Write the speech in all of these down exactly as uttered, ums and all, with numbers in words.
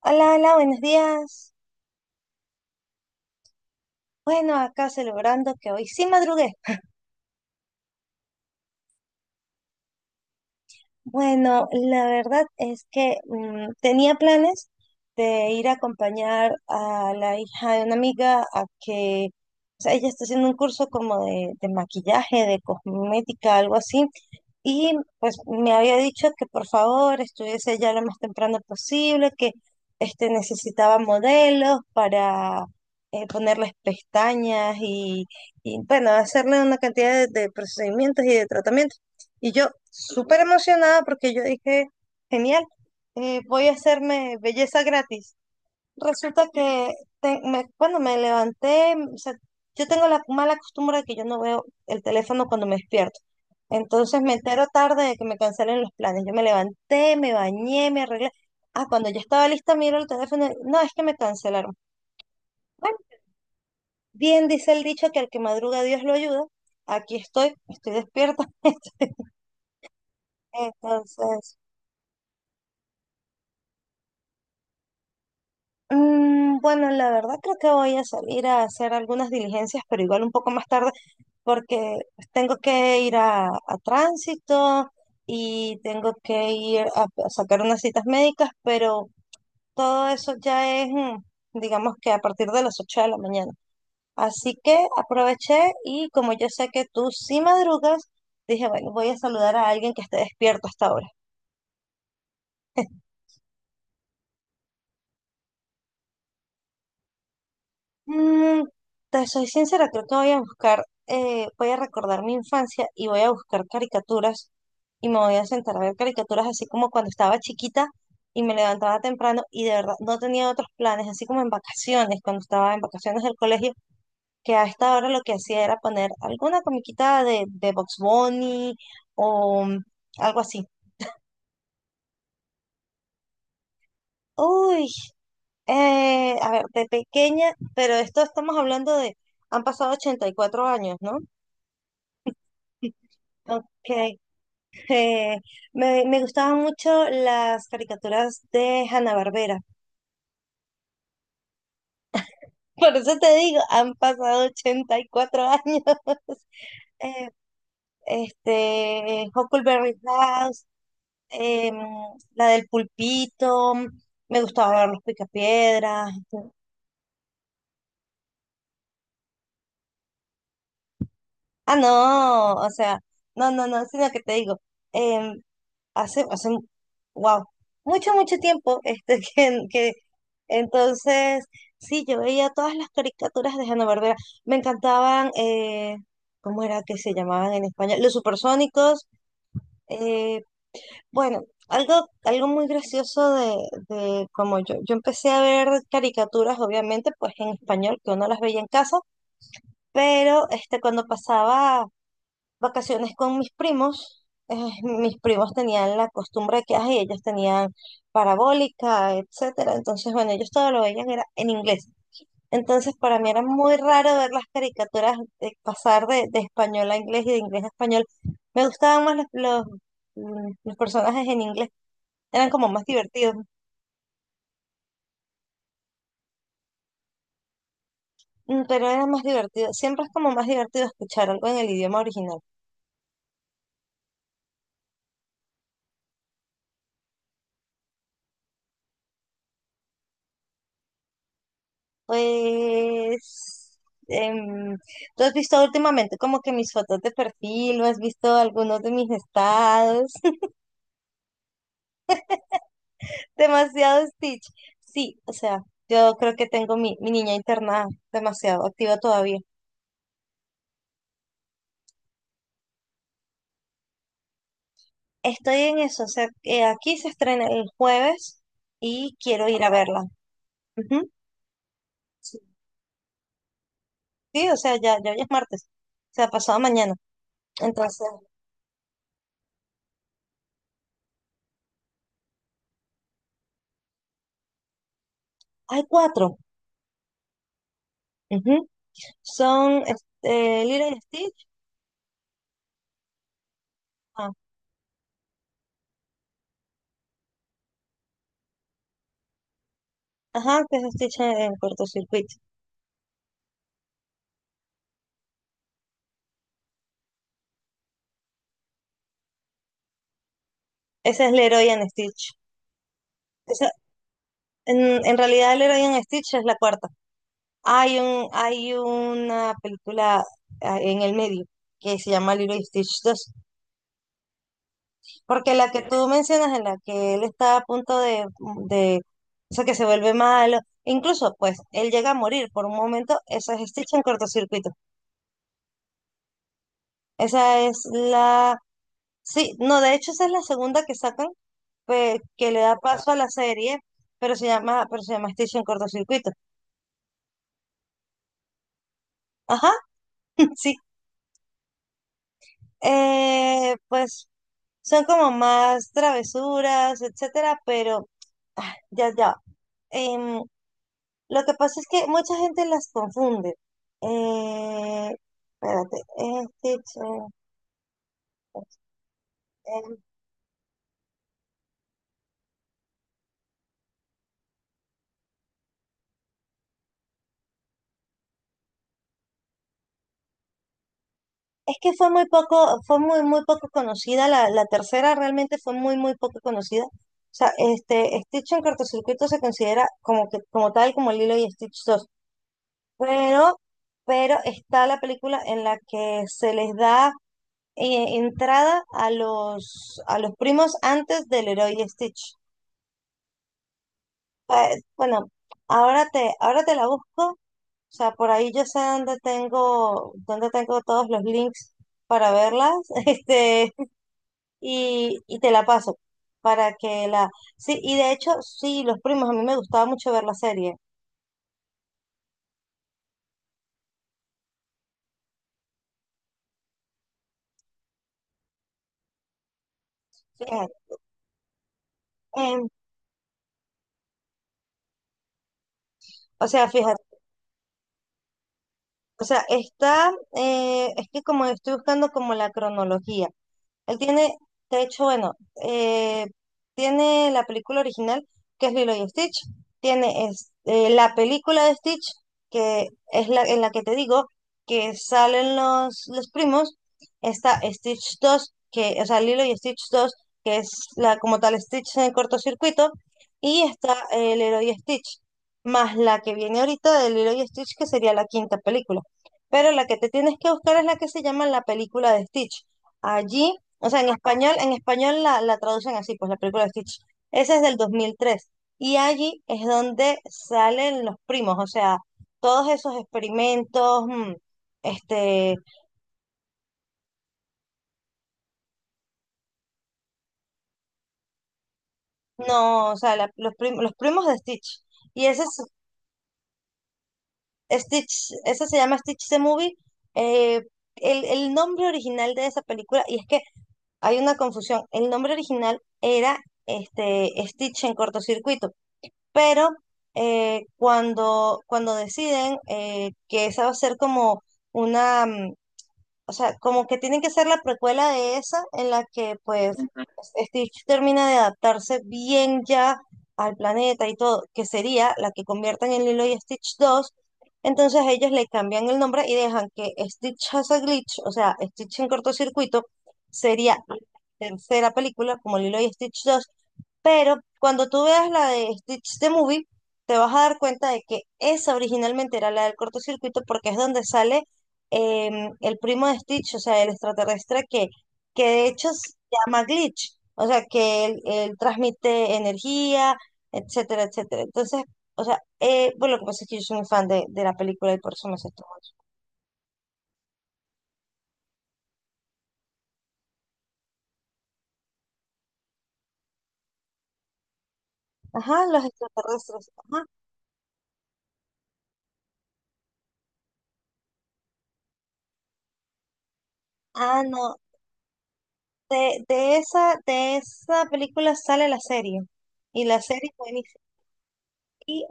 Hola, hola, buenos días. Bueno, acá celebrando que hoy sí madrugué. Bueno, la verdad es que mm, tenía planes de ir a acompañar a la hija de una amiga a que, o sea, ella está haciendo un curso como de, de maquillaje, de cosmética, algo así, y pues me había dicho que por favor estuviese ya lo más temprano posible, que este, necesitaba modelos para eh, ponerles pestañas y, y, bueno, hacerle una cantidad de de procedimientos y de tratamientos. Y yo súper emocionada porque yo dije, genial, eh, voy a hacerme belleza gratis. Resulta que te- me, cuando me levanté, m- o sea, yo tengo la mala costumbre de que yo no veo el teléfono cuando me despierto. Entonces me entero tarde de que me cancelen los planes. Yo me levanté, me bañé, me arreglé. Ah, cuando ya estaba lista, miro el teléfono. Y no, es que me cancelaron. Bueno, bien dice el dicho que al que madruga Dios lo ayuda. Aquí estoy. Estoy despierta. Entonces, Mm, bueno, la verdad creo que voy a salir a hacer algunas diligencias, pero igual un poco más tarde, porque tengo que ir a, a tránsito y tengo que ir a, a sacar unas citas médicas, pero todo eso ya es, mm, digamos que a partir de las ocho de la mañana. Así que aproveché y como yo sé que tú sí madrugas, dije, bueno, voy a saludar a alguien que esté despierto hasta ahora. Mm, Te soy sincera, creo que voy a buscar, eh, voy a recordar mi infancia y voy a buscar caricaturas y me voy a sentar a ver caricaturas así como cuando estaba chiquita y me levantaba temprano y de verdad no tenía otros planes, así como en vacaciones, cuando estaba en vacaciones del colegio, que a esta hora lo que hacía era poner alguna comiquita de, de Bugs Bunny o mm, algo así. Uy, eh, a ver, de pequeña, pero esto estamos hablando de, han pasado ochenta y cuatro años, ¿no? Okay. eh, me, me gustaban mucho las caricaturas de Hanna-Barbera. Por eso te digo, han pasado ochenta y cuatro años. Eh, este, Huckleberry House, em, la del Pulpito, me gustaba ver los Picapiedras. Ah, no, o sea, no, no, no, sino que te digo, em, hace, hace, wow, mucho, mucho tiempo, este, que, que entonces, sí, yo veía todas las caricaturas de Hanna-Barbera, me encantaban. Eh, ¿cómo era que se llamaban en español? Los supersónicos. eh, bueno, algo, algo muy gracioso de, de como yo, yo empecé a ver caricaturas, obviamente, pues en español, que uno las veía en casa, pero este, cuando pasaba vacaciones con mis primos. eh, Mis primos tenían la costumbre que ay, ellos tenían parabólica, etcétera. Entonces, bueno, ellos todo lo veían era en inglés. Entonces, para mí era muy raro ver las caricaturas de pasar de, de español a inglés y de inglés a español. Me gustaban más los, los mm, los personajes en inglés, eran como más divertidos. Mm, pero era más divertido. Siempre es como más divertido escuchar algo en el idioma original. Pues, em, ¿tú has visto últimamente como que mis fotos de perfil o has visto algunos de mis estados? Demasiado Stitch. Sí, o sea, yo creo que tengo mi, mi niña internada demasiado activa todavía. Estoy en eso, o sea, eh, aquí se estrena el jueves y quiero ir a verla. Ujú. Sí, sí, o sea, ya, ya hoy es martes, o sea, pasado mañana. Entonces, hay cuatro. Ujú. Son este, Lilo y Stitch. Ajá, que es Stitch en, en cortocircuito. Esa es Leroy and Stitch. Esa, en, en realidad, Leroy and Stitch es la cuarta. Hay un, hay una película ah, en el medio que se llama Leroy Stitch dos. Porque la que tú mencionas, en la que él está a punto de, de, o sea, que se vuelve malo. Incluso, pues, él llega a morir por un momento. Esa es Stitch en cortocircuito. Esa es la... Sí, no, de hecho esa es la segunda que sacan, pues, que le da paso a la serie, pero se llama, pero se llama Station Cortocircuito. Ajá, sí. Eh, pues son como más travesuras, etcétera, pero ah, ya, ya. Em, lo que pasa es que mucha gente las confunde. Eh, Espérate, eh, Stitch, eh, es que fue muy poco, fue muy, muy poco conocida, la, la tercera realmente fue muy, muy poco conocida. O sea, este, Stitch en cortocircuito se considera como que, como tal, como Lilo y Stitch dos. Pero, pero está la película en la que se les da eh, entrada a los, a los primos antes del héroe y Stitch. Eh, bueno, ahora te, ahora te la busco. O sea, por ahí yo sé dónde tengo, dónde tengo todos los links para verlas. Este, y, y te la paso para que la... Sí, y de hecho, sí, Los Primos, a mí me gustaba mucho ver la serie. Fíjate. em, o sea, fíjate, o sea, está, eh, es que como estoy buscando como la cronología, él tiene, de hecho, bueno, eh, tiene la película original, que es Lilo y Stitch. Tiene es- eh, la película de Stitch, que es la en la que te digo que salen los, los primos. Está Stitch dos que, o sea, Lilo y Stitch dos que es la como tal Stitch en el cortocircuito. Y está el Lilo y Stitch, más la que viene ahorita de Lilo y Stitch, que sería la quinta película. Pero la que te tienes que buscar es la que se llama la película de Stitch. Allí, o sea, en español, en español la, la traducen así, pues la película de Stitch. Esa es del dos mil tres. Y allí es donde salen los primos, o sea, todos esos experimentos, mm, este, no, o sea, la- los, prim- los primos de Stitch. Y ese es Stitch. Ese se llama Stitch the Movie. eh, el, el nombre original de esa película, y es que hay una confusión, el nombre original era este, Stitch en cortocircuito. Pero eh, cuando, cuando deciden eh, que esa va a ser como una, mm, o sea, como que tienen que ser la precuela de esa en la que pues. Ujú. Stitch termina de adaptarse bien ya al planeta y todo, que sería la que conviertan en Lilo y Stitch dos. Entonces ellos le cambian el nombre y dejan que Stitch has a glitch, o sea, Stitch en cortocircuito, sería la tercera película como Lilo y Stitch dos. Pero cuando tú veas la de Stitch the Movie, te vas a dar cuenta de que esa originalmente era la del cortocircuito porque es donde sale em, el primo de Stitch, o sea, el extraterrestre que, que de hecho se llama Glitch, o sea, que él, él transmite energía, etcétera, etcétera. Entonces, o sea, eh, bueno, lo que pasa es que yo soy muy fan de, de la película y por eso me sé todo eso. Ajá, los extraterrestres. Ajá. Ah, no. De, de esa, de esa película sale la serie. Y la serie es buenísima. Y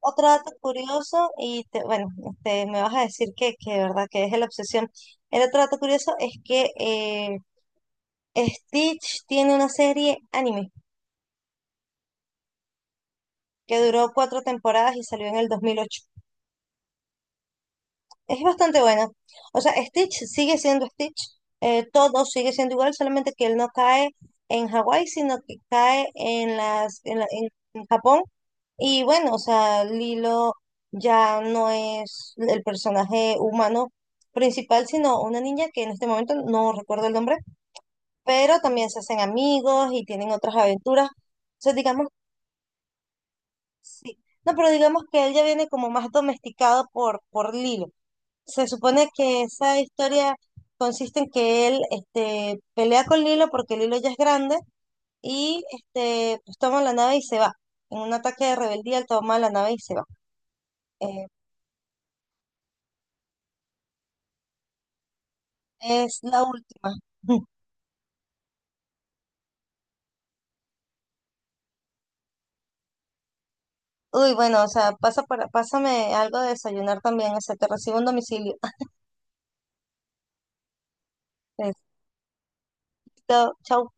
otro dato curioso, y te- bueno, este, me vas a decir que, que de verdad que es la obsesión. El otro dato curioso es que eh, Stitch tiene una serie anime que duró cuatro temporadas y salió en el dos mil ocho. Es bastante buena. O sea, Stitch sigue siendo Stitch, eh, todo sigue siendo igual, solamente que él no cae en Hawái, sino que cae en las, en la- en- en Japón. Y bueno, o sea, Lilo ya no es el personaje humano principal, sino una niña que en este momento no recuerdo el nombre, pero también se hacen amigos y tienen otras aventuras. O sea, digamos, sí. No, pero digamos que él ya viene como más domesticado por, por Lilo. Se supone que esa historia consiste en que él este, pelea con Lilo porque Lilo ya es grande y este, pues toma la nave y se va. En un ataque de rebeldía, él toma la nave y se va. Eh, Es la última. Uy, bueno, o sea, pasa para, pásame algo de desayunar también, o sea, te recibo un domicilio. Listo, chau.